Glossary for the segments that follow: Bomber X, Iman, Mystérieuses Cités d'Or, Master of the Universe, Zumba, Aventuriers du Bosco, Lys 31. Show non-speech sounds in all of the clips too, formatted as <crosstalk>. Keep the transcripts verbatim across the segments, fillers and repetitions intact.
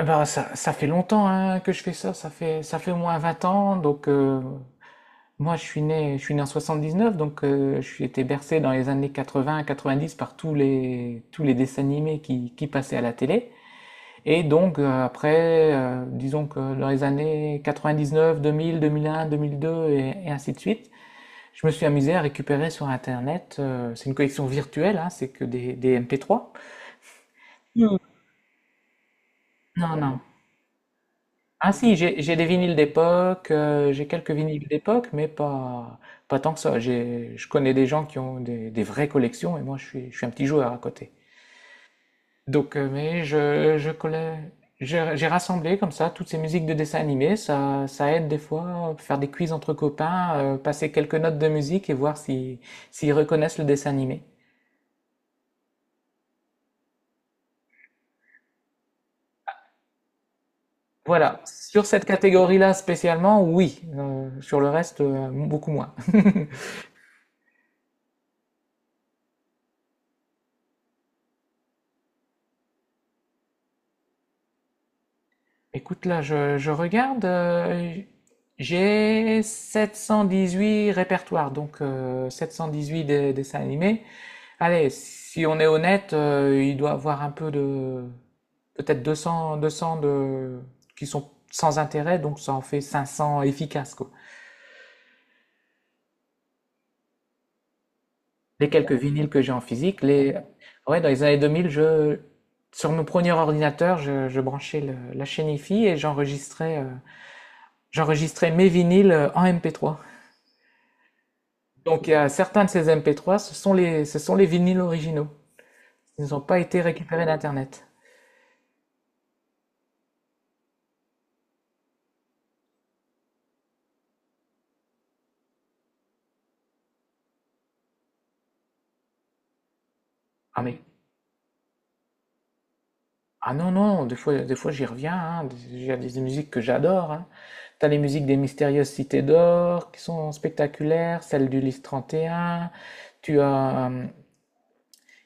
Eh ben, ça, ça fait longtemps, hein, que je fais ça. Ça fait, ça fait au moins vingt ans. Donc, euh, moi, je suis né, je suis né en soixante-dix-neuf. Donc, euh, je suis été bercé dans les années quatre-vingts, quatre-vingt-dix par tous les, tous les dessins animés qui, qui passaient à la télé. Et donc, euh, après, euh, disons que dans les années quatre-vingt-dix-neuf, deux mille, deux mille un, deux mille deux, et, et ainsi de suite, je me suis amusé à récupérer sur Internet. Euh, c'est une collection virtuelle, hein, c'est que des, des m p trois. Non, non. Ah, si, j'ai j'ai des vinyles d'époque. Euh, j'ai quelques vinyles d'époque, mais pas, pas tant que ça. J'ai, je connais des gens qui ont des, des vraies collections, et moi je suis, je suis un petit joueur à côté. Donc, euh, mais je, je collais, j'ai j'ai rassemblé comme ça toutes ces musiques de dessins animés. Ça, ça aide des fois, euh, faire des quiz entre copains, euh, passer quelques notes de musique et voir si, s'ils reconnaissent le dessin animé. Voilà, sur cette catégorie-là spécialement, oui. Euh, sur le reste, euh, beaucoup moins. <laughs> Écoute, là, je, je regarde. Euh, j'ai sept cent dix-huit répertoires. Donc, euh, sept cent dix-huit des, dessins animés. Allez, si on est honnête, euh, il doit avoir un peu de... Peut-être deux cents, deux cents de, qui sont sans intérêt. Donc ça en fait cinq cents efficaces, quoi. Les quelques vinyles que j'ai en physique, les... Ouais, dans les années deux mille, je... Sur mon premier ordinateur, je, je branchais le- la chaîne hi, et j'enregistrais, euh, j'enregistrais mes vinyles, euh, en M P trois. Donc, euh, certains de ces M P trois, ce sont les, ce sont les vinyles originaux. Ils n'ont pas été récupérés d'Internet. Ah, mais, ah, non, non, des fois, des fois j'y reviens, hein. Il y a des musiques que j'adore. Hein. T'as les musiques des Mystérieuses Cités d'Or qui sont spectaculaires, celles du Lys trente et un. Tu as, euh,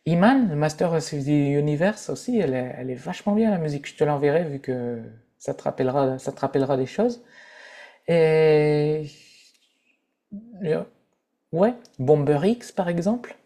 Iman, le Master of the Universe aussi, elle est, elle est vachement bien, la musique. Je te l'enverrai, vu que ça te rappellera, ça te rappellera des choses. Et. Yeah. Ouais, Bomber X par exemple.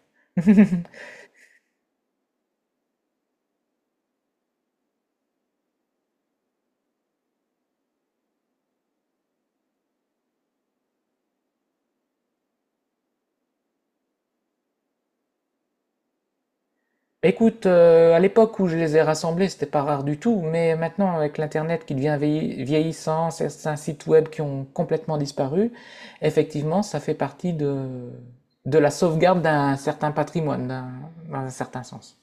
<laughs> Écoute, euh, à l'époque où je les ai rassemblés, c'était pas rare du tout, mais maintenant avec l'internet qui devient vieilli- vieillissant, certains sites web qui ont complètement disparu, effectivement, ça fait partie de, de la sauvegarde d'un certain patrimoine, d'un- dans un certain sens.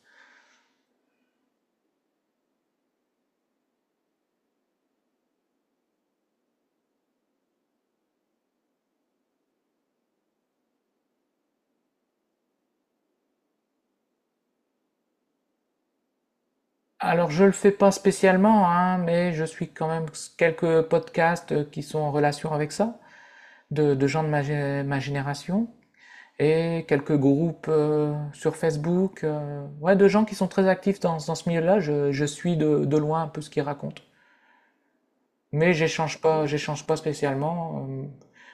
Alors je le fais pas spécialement, hein, mais je suis quand même quelques podcasts qui sont en relation avec ça, de, de gens de ma gé- ma génération. Et quelques groupes, euh, sur Facebook, euh, ouais, de gens qui sont très actifs dans, dans ce milieu-là. Je, je suis de, de loin un peu ce qu'ils racontent. Mais j'échange pas, j'échange pas spécialement. Euh,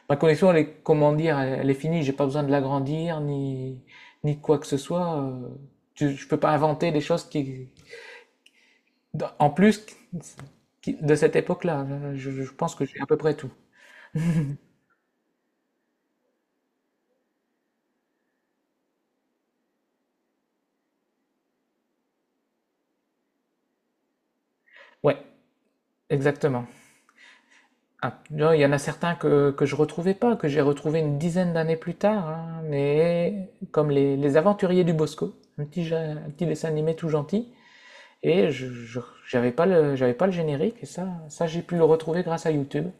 Ma connexion, elle est, comment dire, elle, elle est finie. J'ai pas besoin de l'agrandir, ni, ni de quoi que ce soit. Euh, tu- je peux pas inventer des choses qui, en plus, qui- de cette époque-là. Je, je pense que j'ai à peu près tout. Ouais, exactement. Ah, non, il y en a certains que, que je retrouvais pas, que j'ai retrouvé une dizaine d'années plus tard, hein, mais comme les, les, Aventuriers du Bosco, un petit, ja- un petit dessin animé tout gentil, et je, je- j'avais pas le, j'avais pas le générique, et ça, ça j'ai pu le retrouver grâce à YouTube.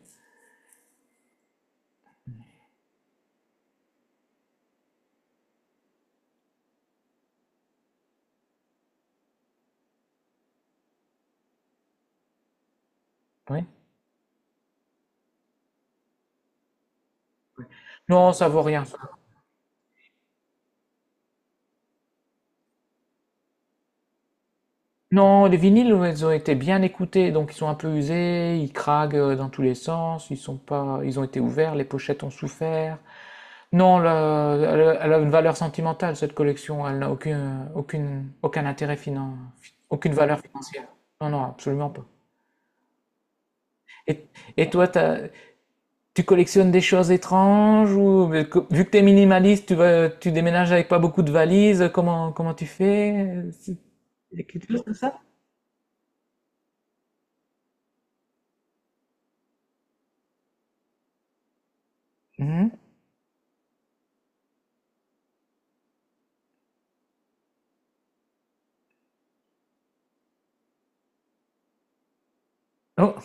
Oui. Non, ça vaut rien, ça. Non, les vinyles, ouais, ils ont été bien écoutés, donc ils sont un peu usés, ils craquent, euh, dans tous les sens. Ils sont pas, Ils ont été ouverts, les pochettes ont souffert. Non, la- elle, elle, a une valeur sentimentale, cette collection. Elle n'a aucune, aucune, aucun intérêt finan- fi- aucune valeur financière. Non, non, absolument pas. Et, et toi, t'as- tu collectionnes des choses étranges? Ou mais co- vu que tu es minimaliste, tu vas, tu déménages avec pas beaucoup de valises. Comment, comment tu fais? C'est- Mhm. Oh.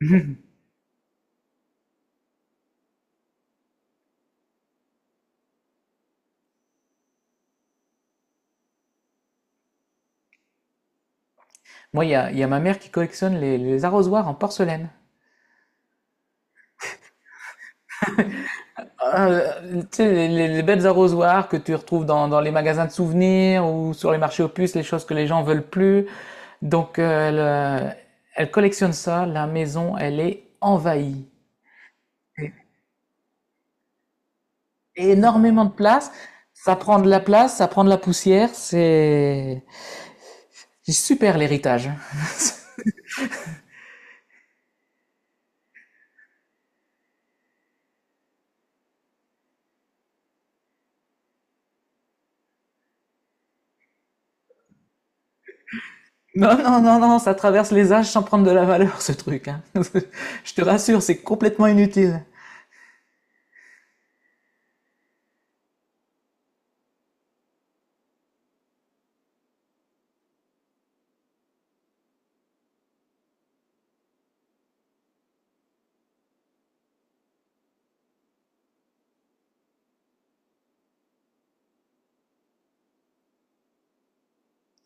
<laughs> Moi, il y a, il y a ma mère qui collectionne les, les arrosoirs en porcelaine. Ah, Euh, tu sais, les, les- les bêtes arrosoirs que tu retrouves dans, dans les magasins de souvenirs ou sur les marchés aux puces, les choses que les gens veulent plus. Donc, euh, elle, euh, elle collectionne ça. La maison, elle est envahie. Et- énormément de place. Ça prend de la place, ça prend de la poussière. C'est c'est super, l'héritage. <laughs> Non, non, non, non, ça traverse les âges sans prendre de la valeur, ce truc, hein. <laughs> Je te rassure, c'est complètement inutile.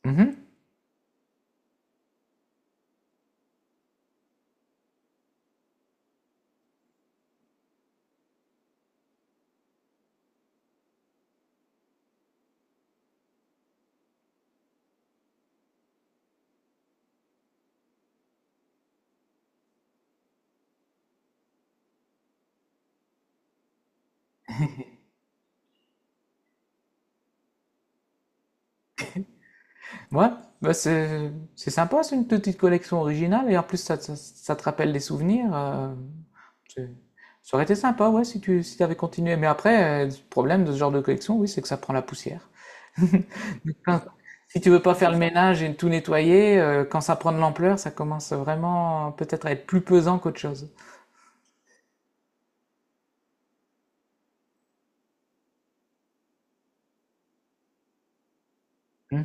Mhm. Ouais, bah, c'est c'est sympa, c'est une petite collection originale, et en plus, ça, ça, ça te rappelle des souvenirs. euh, c'est- Ça aurait été sympa, ouais, si tu si t'avais continué. Mais après, euh, le problème de ce genre de collection, oui, c'est que ça prend la poussière. <laughs> Quand- Si tu veux pas faire le ménage et tout nettoyer, euh, quand ça prend de l'ampleur, ça commence vraiment, euh, peut-être à être plus pesant qu'autre chose. Hmm.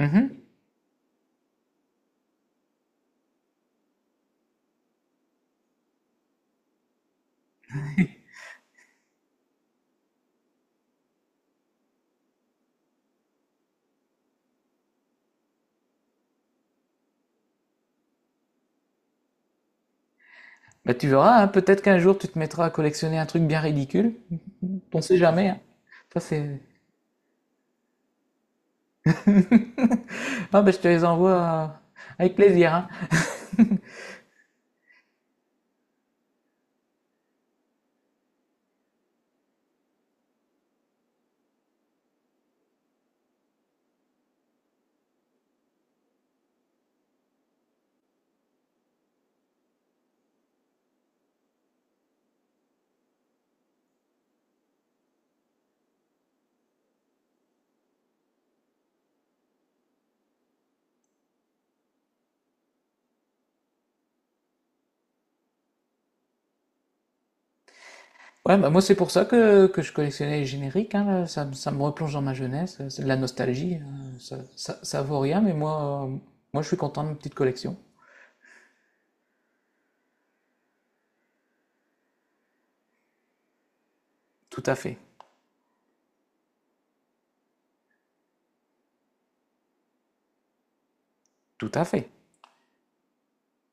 Mhm. Bah, tu verras, hein, peut-être qu'un jour tu te mettras à collectionner un truc bien ridicule. <laughs> On sait jamais, hein. Ça c'est <laughs> Ah, bah, je te les envoie, euh, avec plaisir, hein. Ouais, bah, moi c'est pour ça que, que je collectionnais les génériques, hein. Là, Ça, me- ça me replonge dans ma jeunesse. euh, C'est de la nostalgie. euh, Ça, ça, ça vaut rien, mais moi, euh, moi je suis content de ma petite collection. Tout à fait. Tout à fait.